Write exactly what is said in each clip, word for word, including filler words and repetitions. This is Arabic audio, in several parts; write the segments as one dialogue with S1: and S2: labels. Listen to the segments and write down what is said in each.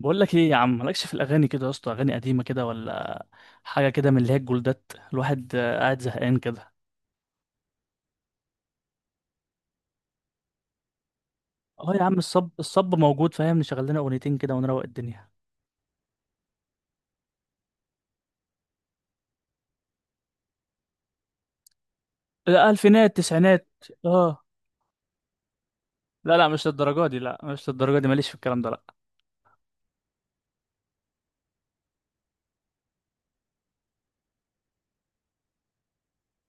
S1: بقول لك ايه يا عم؟ مالكش في الاغاني كده يا اسطى، اغاني قديمه كده ولا حاجه كده من اللي هي الجولدات؟ الواحد آه، قاعد زهقان كده. اه يا عم، الصب الصب موجود فاهم؟ نشغل لنا اغنيتين كده ونروق الدنيا. الالفينات، التسعينات، اه. لا لا، مش للدرجه دي، لا مش للدرجه دي، ماليش في الكلام ده لا.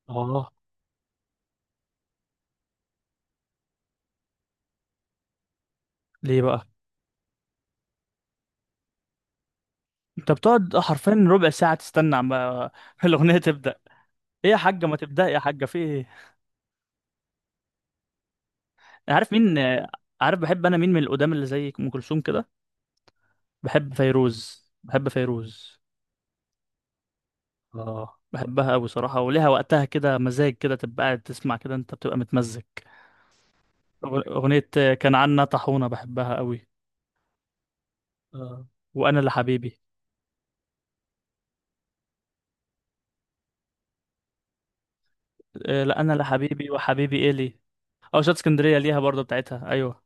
S1: اه ليه بقى؟ انت بتقعد حرفيا ربع ساعه تستنى عم الاغنيه تبدا. ايه يا حاجه ما تبدا يا حاجه في ايه؟ أنا عارف مين آه، عارف بحب انا مين من القدام اللي زي ام كلثوم كده. بحب فيروز، بحب فيروز. اه بحبها قوي صراحة، وليها وقتها كده، مزاج كده تبقى قاعد تسمع كده، انت بتبقى متمزج. أغ- أغنية آه، كان عنا طاحونة، بحبها قوي. اه، وأنا لحبيبي. آه، لا، أنا لحبيبي وحبيبي إيه لي. أو شات اسكندرية ليها برضه بتاعتها، أيوه.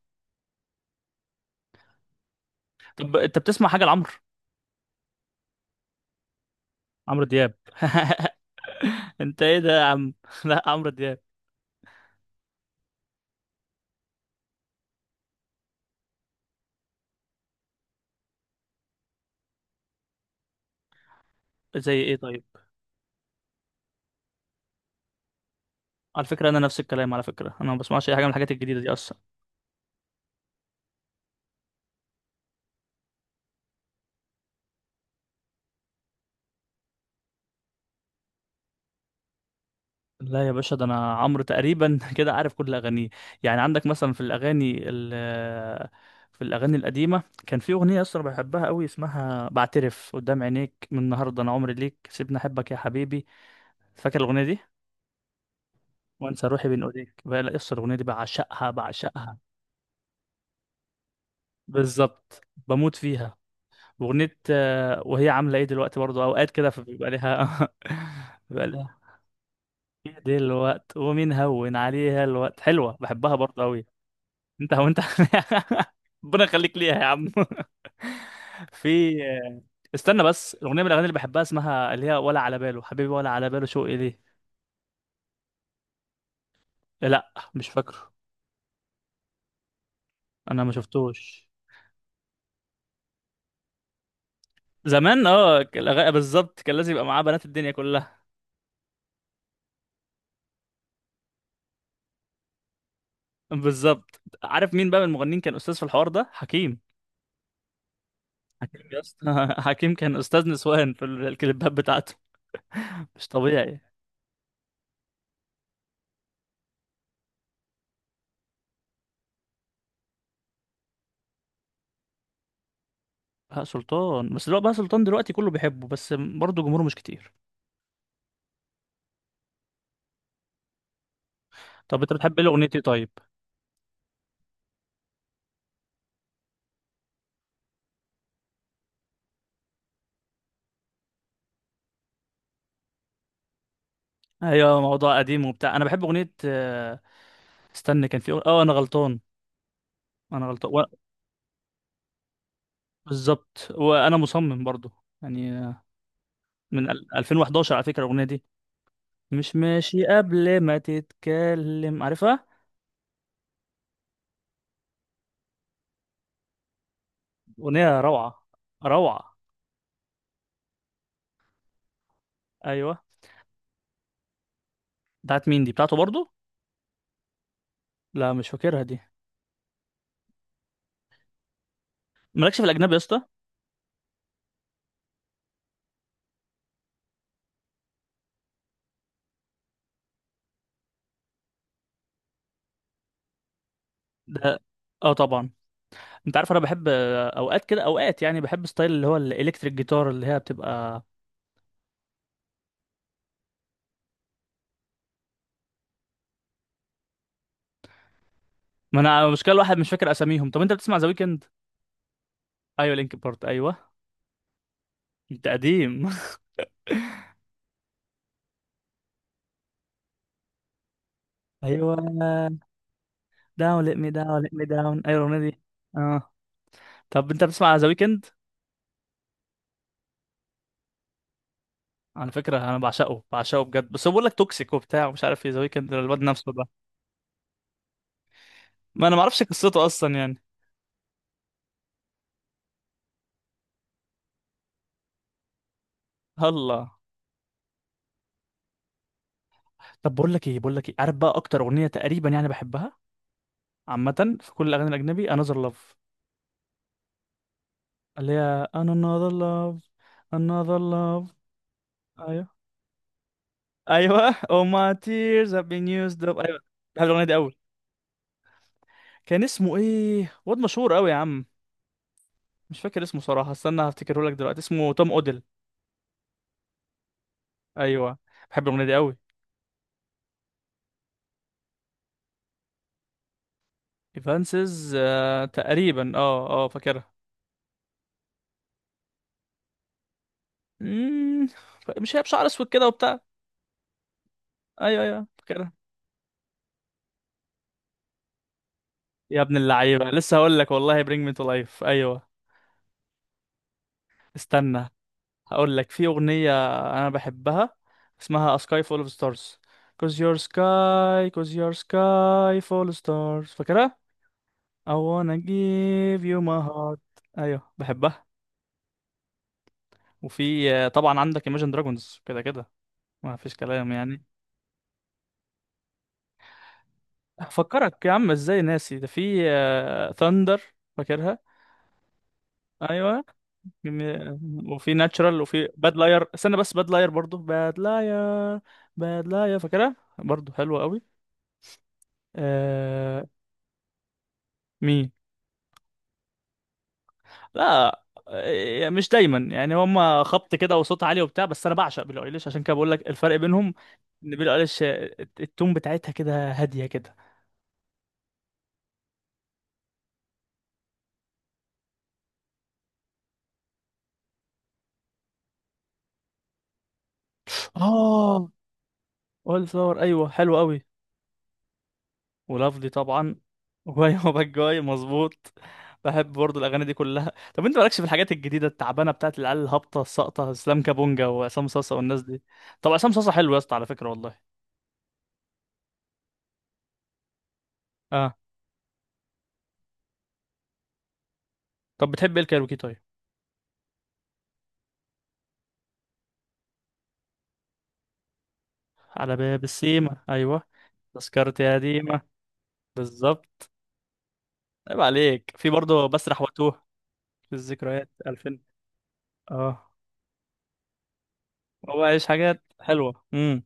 S1: طب أنت بتسمع حاجة لعمرو؟ عمرو دياب أنت إيه ده يا عم؟ لا عمرو دياب. زي إيه طيب؟ على فكرة أنا نفس الكلام، على فكرة أنا ما بسمعش أي حاجة من الحاجات الجديدة دي أصلا. لا يا باشا، ده انا عمرو تقريبا كده، عارف كل اغانيه. يعني عندك مثلا في الاغاني ال آه، في الاغاني القديمه كان في اغنيه اصلا بحبها قوي، اسمها بعترف قدام عينيك، من النهارده انا عمري ليك، سيبني احبك يا حبيبي. فاكر الاغنيه دي؟ وانسى روحي بين ايديك بقى، لا اصلا الاغنيه دي بعشقها بعشقها. بالظبط، بموت فيها. اغنيه آه، وهي عامله ايه دلوقتي برضو، اوقات كده فبيبقى ليها بيبقى ليها. ايه دلوقت ومين هون عليها الوقت، حلوه بحبها برضو قوي. انت، هو انت؟ ربنا يخليك ليها يا عم. في، استنى بس. الاغنيه من الاغاني اللي بحبها اسمها اللي هي ولا على باله حبيبي، ولا على باله شوقي ليه. لا مش فاكره. انا ما شفتوش. زمان اه، الأغا- بالظبط، كان لازم يبقى معاه بنات الدنيا كلها. بالظبط. عارف مين بقى من المغنيين كان استاذ في الحوار ده؟ حكيم. حكيم يا اسطى حكيم كان استاذ نسوان في ال- الكليبات بتاعته. مش طبيعي. بهاء سلطان، بس دلوقتي بهاء سلطان دلوقتي كله بيحبه، بس برضه جمهوره مش كتير. طب انت بتحب ايه اغنيتي طيب؟ ايوه، موضوع قديم وبتاع. انا بحب اغنيه آه، استنى كان في أغ- اه انا غلطان، انا غلطان و... بالظبط، وانا مصمم برضو، يعني آه، من ال- ألفين وحداشر على فكره الاغنيه دي. مش ماشي، قبل ما تتكلم عارفها. اغنيه روعه، روعه. ايوه. بتاعت مين دي؟ بتاعته برضو. لا مش فاكرها دي. مالكش في الاجنبي يا اسطى؟ ده اه طبعا. انت عارف انا بحب آه، اوقات كده، اوقات يعني بحب ستايل اللي هو الالكتريك جيتار اللي هي بتبقى. ما انا المشكله الواحد مش فاكر اساميهم. طب انت بتسمع ذا ويكند؟ ايوه لينك بارت، ايوه. انت قديم. ايوه، داون، ليت مي داون، ليت مي داون، ايوه الاغنيه دي. اه. طب انت بتسمع ذا ويكند؟ على فكره انا بعشقه بعشقه بجد، بس هو بيقول لك توكسيك وبتاع ومش عارف ايه، ذا ويكند الواد نفسه ده. ما انا ما اعرفش قصته اصلا يعني. الله. طب بقول لك ايه، بقول لك ايه، عارف بقى اكتر اغنيه تقريبا يعني بحبها عامه في كل الاغاني الاجنبي؟ Another Love. اللي هي Another Love، Another Love. ايوه. ايوه Oh my tears have been used up، ايوه. بحب الاغنيه دي قوي. كان اسمه ايه؟ واد مشهور قوي يا عم، مش فاكر اسمه صراحه، استنى هفتكره لك دلوقتي. اسمه توم اوديل. ايوه. بحب الاغنيه دي قوي. ايفانسز، آه تقريبا، اه اه فاكرها. مم، مش هي بشعر اسود كده وبتاع؟ ايوه ايوه فاكرها. يا ابن اللعيبه، لسه هقول لك والله bring me to life، ايوه. استنى، هقول لك في اغنيه انا بحبها اسمها A Sky Full of Stars. Cause your sky, cause your sky full of stars، فاكرها؟ I wanna give you my heart. ايوه بحبها. وفي آه، طبعا عندك Imagine Dragons كده كده، ما فيش كلام يعني. هفكرك يا عم، ازاي ناسي ده! في آه، Thunder، فاكرها؟ ايوه، جميل. وفي ناتشرال، وفي باد لاير، استنى بس باد لاير برضه، باد لاير، باد لاير فاكرها برضه، حلوه قوي. آه... مين؟ لا. إيه، مش دايما يعني، هم خبط كده وصوت عالي وبتاع، بس انا بعشق بيلي ايليش عشان كده بقول لك الفرق بينهم. ان بيلي ايليش التون بتاعتها كده هاديه كده. اه، اول فلاور، ايوه حلو قوي. ولافلي طبعا. وايوه باك جاي مظبوط. بحب برضه الاغاني دي كلها. طب انت مالكش في الحاجات الجديده التعبانه بتاعت العيال الهابطه الساقطه، اسلام كابونجا وعصام صاصا والناس دي؟ طب عصام صاصا حلو يا اسطى على فكره والله. اه. طب بتحب ايه الكايروكي طيب؟ على باب السيما، ايوه. تذكرتي يا ديما، بالظبط. عيب عليك، في برضه بسرح واتوه، في الذكريات ألفين. اه، هو عايش حاجات حلوه. امم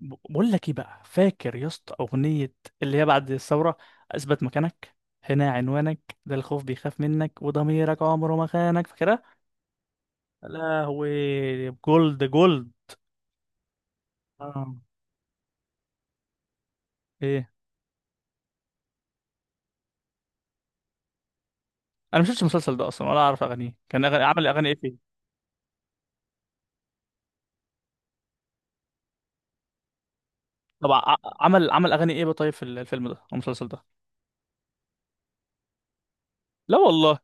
S1: ب- بقول لك ايه بقى، فاكر يا اسطى اغنيه اللي هي بعد الثوره؟ اثبت مكانك، هنا عنوانك، ده الخوف بيخاف منك، وضميرك عمره ما خانك، فاكرها؟ يا لهوي، جولد جولد. اه. ايه، انا ما شفتش المسلسل ده اصلا ولا اعرف اغانيه، كان أغني... عمل اغاني ايه فيه؟ طبعا، ع- عمل عمل اغاني ايه بقى طيب في الفيلم ده أو المسلسل ده؟ لا والله،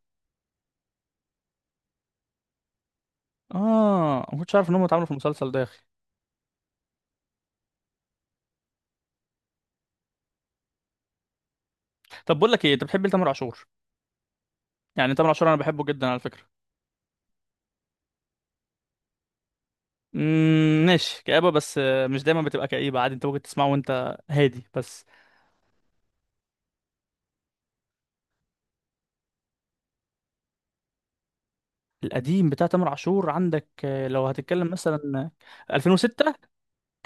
S1: اه ما كنتش عارف ان هم اتعاملوا في المسلسل ده يا اخي. طب بقول لك ايه، انت بتحب تامر عاشور؟ يعني تامر عاشور انا بحبه جدا على فكره. امم، ماشي، كآبة بس آه، مش دايما بتبقى كئيبة عادي، انت ممكن تسمعه وانت هادي بس. القديم بتاع تامر عاشور عندك آه، لو هتتكلم مثلا آه، ألفين وستة.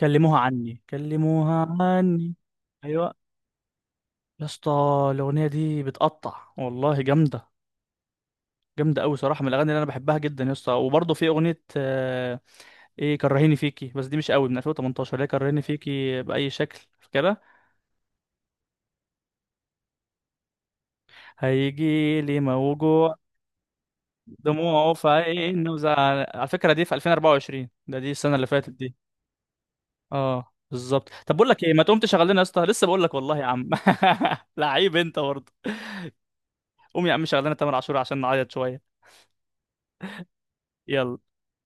S1: كلموها عني، كلموها عني. ايوه يا اسطى، الاغنيه دي بتقطع والله، جامده، جامده قوي صراحه، من الاغاني اللي انا بحبها جدا يا اسطى. وبرضه في اغنيه آه، ايه كرهيني فيكي، بس دي مش قوي، من ألفين وتمنتاشر اللي هي كرهيني فيكي باي شكل، فاكرها؟ هيجي لي موجوع، دموعه في عينه وزعل، على فكرة دي في ألفين وأربعة وعشرين، ده دي السنة اللي فاتت دي. اه بالظبط. طب بقول لك ايه، ما تقوم تشغل لنا يا اسطى؟ لسه بقول لك والله يا عم. لعيب انت برضه. قوم يا عم شغل لنا تامر عاشور عشان نعيط شوية. يلا.